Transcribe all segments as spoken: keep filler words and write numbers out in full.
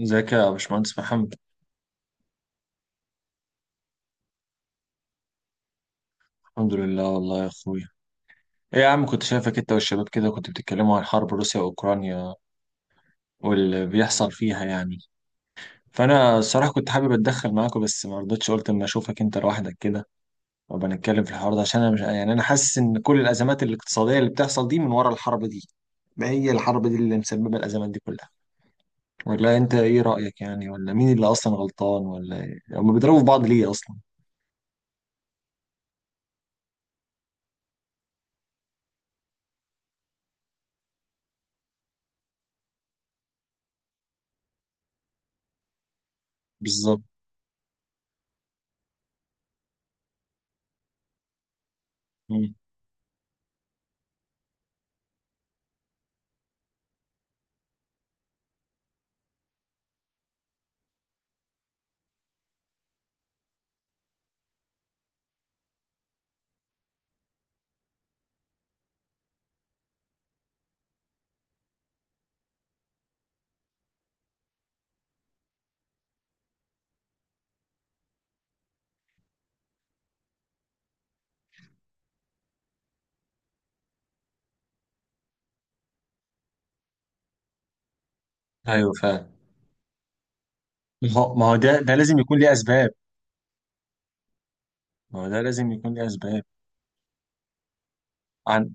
ازيك يا باشمهندس محمد؟ الحمد لله والله يا اخويا. ايه يا عم، كنت شايفك انت والشباب كده كنت بتتكلموا عن حرب روسيا واوكرانيا واللي بيحصل فيها يعني. فانا الصراحه كنت حابب اتدخل معاكم بس ما رضيتش، قلت اما اشوفك انت لوحدك كده وابقى نتكلم في الحوار ده، عشان انا مش يعني انا حاسس ان كل الازمات الاقتصاديه اللي بتحصل دي من ورا الحرب دي. ما هي الحرب دي اللي مسببه الازمات دي كلها، ولا انت ايه رايك يعني؟ ولا مين اللي اصلا غلطان؟ ولا ايه هم بيضربوا في بعض ليه اصلا؟ بالظبط. مم. ايوه فعلا. ما هو ما هو ده ده لازم يكون ليه اسباب. ما هو ده لازم يكون ليه اسباب عن.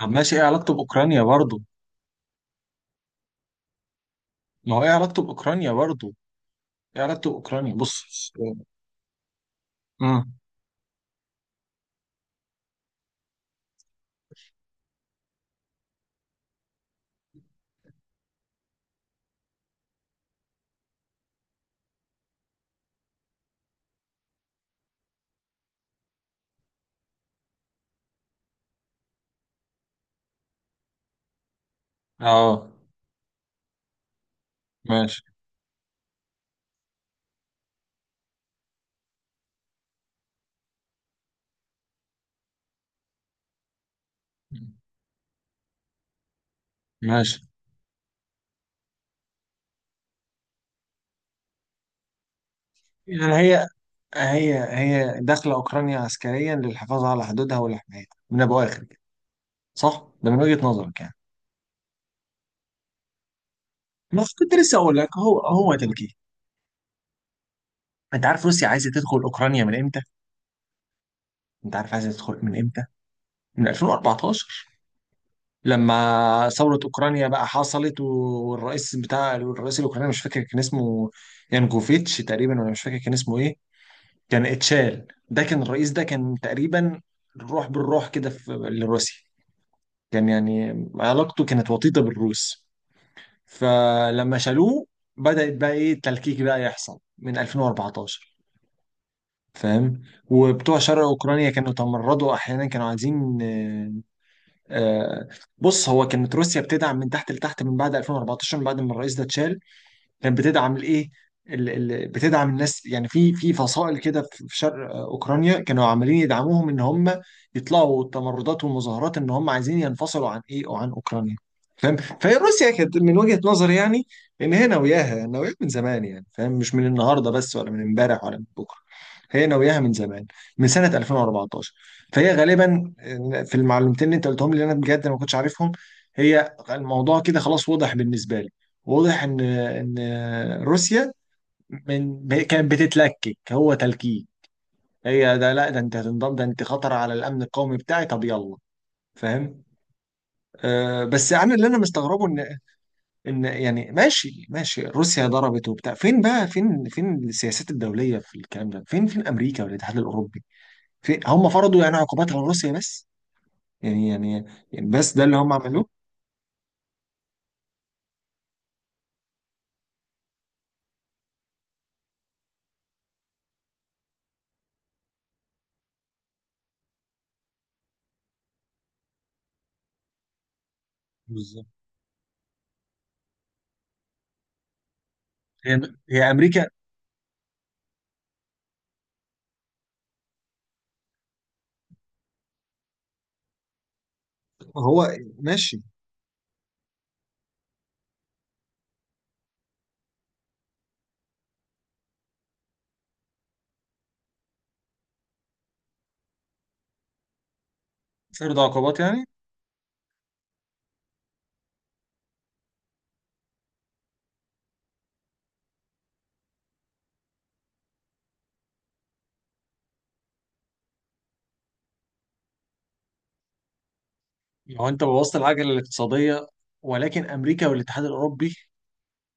طب ماشي، ايه علاقته باوكرانيا برضو؟ ما هو ايه علاقته باوكرانيا برضو؟ ايه علاقته باوكرانيا بص. امم اه، ماشي ماشي يعني، هي هي هي داخله اوكرانيا عسكريا للحفاظ على حدودها والحمايه من ابو اخر كده، صح؟ ده من وجهه نظرك يعني. ما كنت لسه اقول لك، هو هو تلكيك. انت عارف روسيا عايزه تدخل اوكرانيا من امتى؟ انت عارف عايزه تدخل من امتى؟ من ألفين وأربعة عشر، لما ثورة أوكرانيا بقى حصلت، والرئيس بتاع الرئيس الأوكراني مش فاكر كان اسمه، يانكوفيتش تقريبا، ولا مش فاكر كان اسمه إيه. كان اتشال، ده كان الرئيس، ده كان تقريبا الروح بالروح كده في لروسيا، كان يعني علاقته كانت وطيدة بالروس. فلما شالوه بدأت بقى إيه التلكيك بقى يحصل من ألفين وأربعة عشر. فاهم، وبتوع شرق أوكرانيا كانوا تمردوا، أحيانا كانوا عايزين. آه، بص، هو كانت روسيا بتدعم من تحت لتحت من بعد ألفين واربعتاشر، من بعد ما الرئيس ده اتشال. كانت بتدعم الايه، ال- ال- بتدعم الناس، يعني في في فصائل كده في في شرق اوكرانيا، كانوا عمالين يدعموهم ان هم يطلعوا تمردات ومظاهرات ان هم عايزين ينفصلوا عن ايه، وعن اوكرانيا. فاهم، فهي روسيا كانت من وجهة نظري يعني ان هي ناوياها ناوياها من زمان، يعني، فاهم، مش من النهارده بس ولا من امبارح ولا من بكره، هي ناوياها من زمان، من سنة ألفين واربعتاشر. فهي غالبا في المعلومتين اللي انت قلتهم لي انا بجد ما كنتش عارفهم. هي الموضوع كده خلاص واضح بالنسبة لي، واضح ان ان روسيا من ب- كانت بتتلكك، هو تلكيك. هي ده لا، ده انت هتنضم، ده انت خطر على الامن القومي بتاعي، طب يلا. فاهم. آه، بس انا اللي انا مستغربه، ان، ان يعني ماشي ماشي، روسيا ضربت وبتاع، فين بقى؟ فين فين السياسات الدوليه في الكلام ده؟ فين فين امريكا والاتحاد الاوروبي؟ فين هم؟ فرضوا يعني عقوبات على روسيا بس، يعني يعني يعني بس ده اللي هم عملوه. بالظبط. هي هي امريكا. هو ماشي. فرض عقوبات يعني. ما هو انت بوظت العجله الاقتصاديه، ولكن امريكا والاتحاد الاوروبي.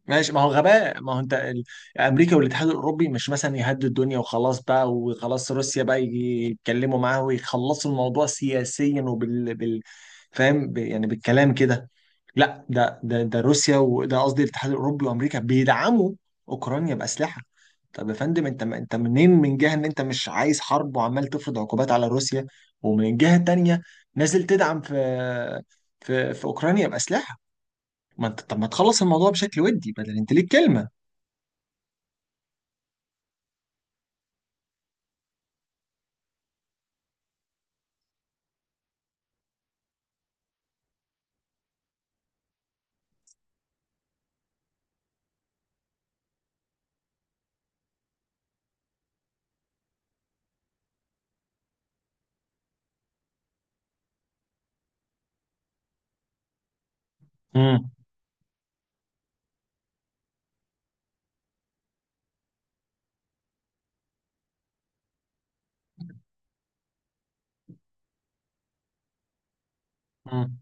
ماشي، ما هو غباء، ما هو انت ال- امريكا والاتحاد الاوروبي مش مثلا يهدوا الدنيا وخلاص بقى، وخلاص روسيا بقى يجي يتكلموا معاه ويخلصوا الموضوع سياسيا وبال بال، فاهم، ب- يعني بالكلام كده. لا، ده ده ده روسيا، وده قصدي الاتحاد الاوروبي وامريكا بيدعموا اوكرانيا باسلحه. طب يا فندم، انت انت منين من جهه ان انت مش عايز حرب وعمال تفرض عقوبات على روسيا، ومن جهه تانية نازل تدعم في في في اوكرانيا باسلحه. ما انت طب ما تخلص الموضوع بشكل ودي، بدل انت ليك كلمه. امم امم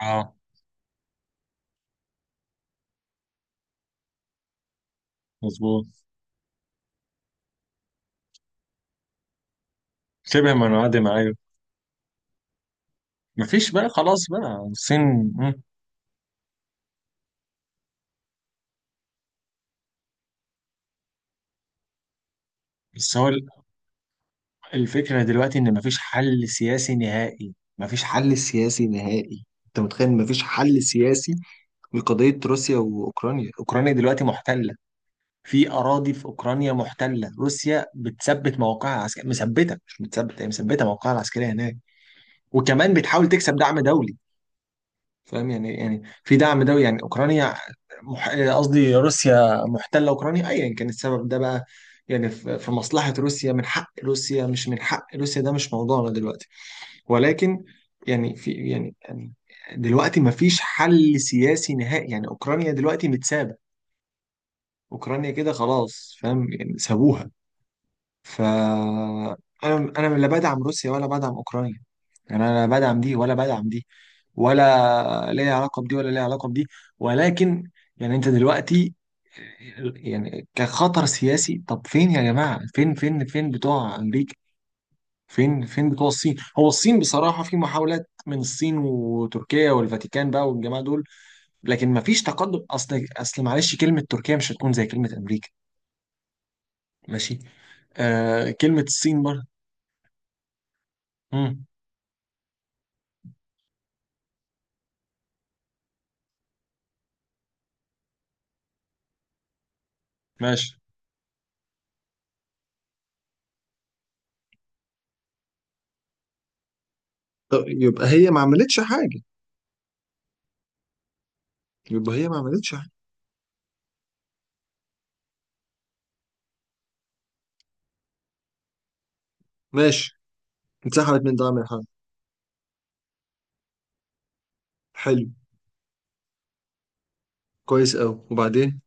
اه، مظبوط. شبه منعدم، ايوه. مفيش بقى، خلاص بقى الصين. مم. بس هو الفكرة دلوقتي إن مفيش حل سياسي نهائي، مفيش حل سياسي نهائي، أنت متخيل؟ مفيش حل سياسي لقضية روسيا وأوكرانيا. أوكرانيا دلوقتي محتلة في أراضي، في أوكرانيا محتلة، روسيا بتثبت موقعها العسكري، مثبتة، مش بتثبت، هي مثبتة موقعها العسكري هناك، وكمان بتحاول تكسب دعم دولي. فاهم يعني إيه؟ يعني في دعم دولي يعني، أوكرانيا مح- قصدي روسيا محتلة أوكرانيا، أيا كان السبب ده بقى، يعني في في مصلحة روسيا، من حق روسيا مش من حق روسيا، ده مش موضوعنا دلوقتي. ولكن يعني في يعني يعني دلوقتي ما فيش حل سياسي نهائي، يعني اوكرانيا دلوقتي متسابه، اوكرانيا كده خلاص، فاهم، يعني سابوها. ف، انا انا لا بدعم روسيا ولا بدعم اوكرانيا، يعني انا لا بدعم دي ولا بدعم دي، ولا ليا علاقه بدي ولا ليا علاقه بدي، ولكن يعني انت دلوقتي، يعني كخطر سياسي، طب فين يا جماعه؟ فين فين فين بتوع امريكا؟ فين فين بتوع الصين؟ هو الصين بصراحة في محاولات من الصين وتركيا والفاتيكان بقى والجماعة دول، لكن مفيش تقدم. اصل اصل معلش، كلمة تركيا مش هتكون زي كلمة امريكا. ماشي. آه، كلمة الصين برضه. مم، ماشي. طب يبقى هي ما عملتش حاجة؟ يبقى هي ما عملتش حاجة. ماشي، اتسحبت من دعم الحرب. حلو، كويس أوي، وبعدين؟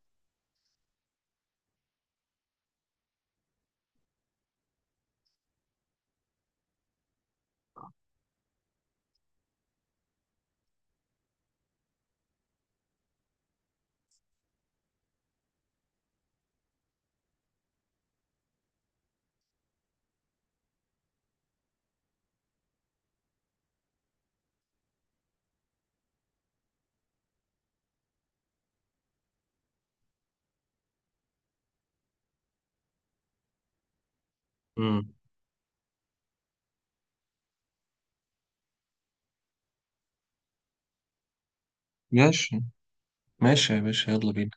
مم. ماشي. ماشي يا باشا، يلا بينا.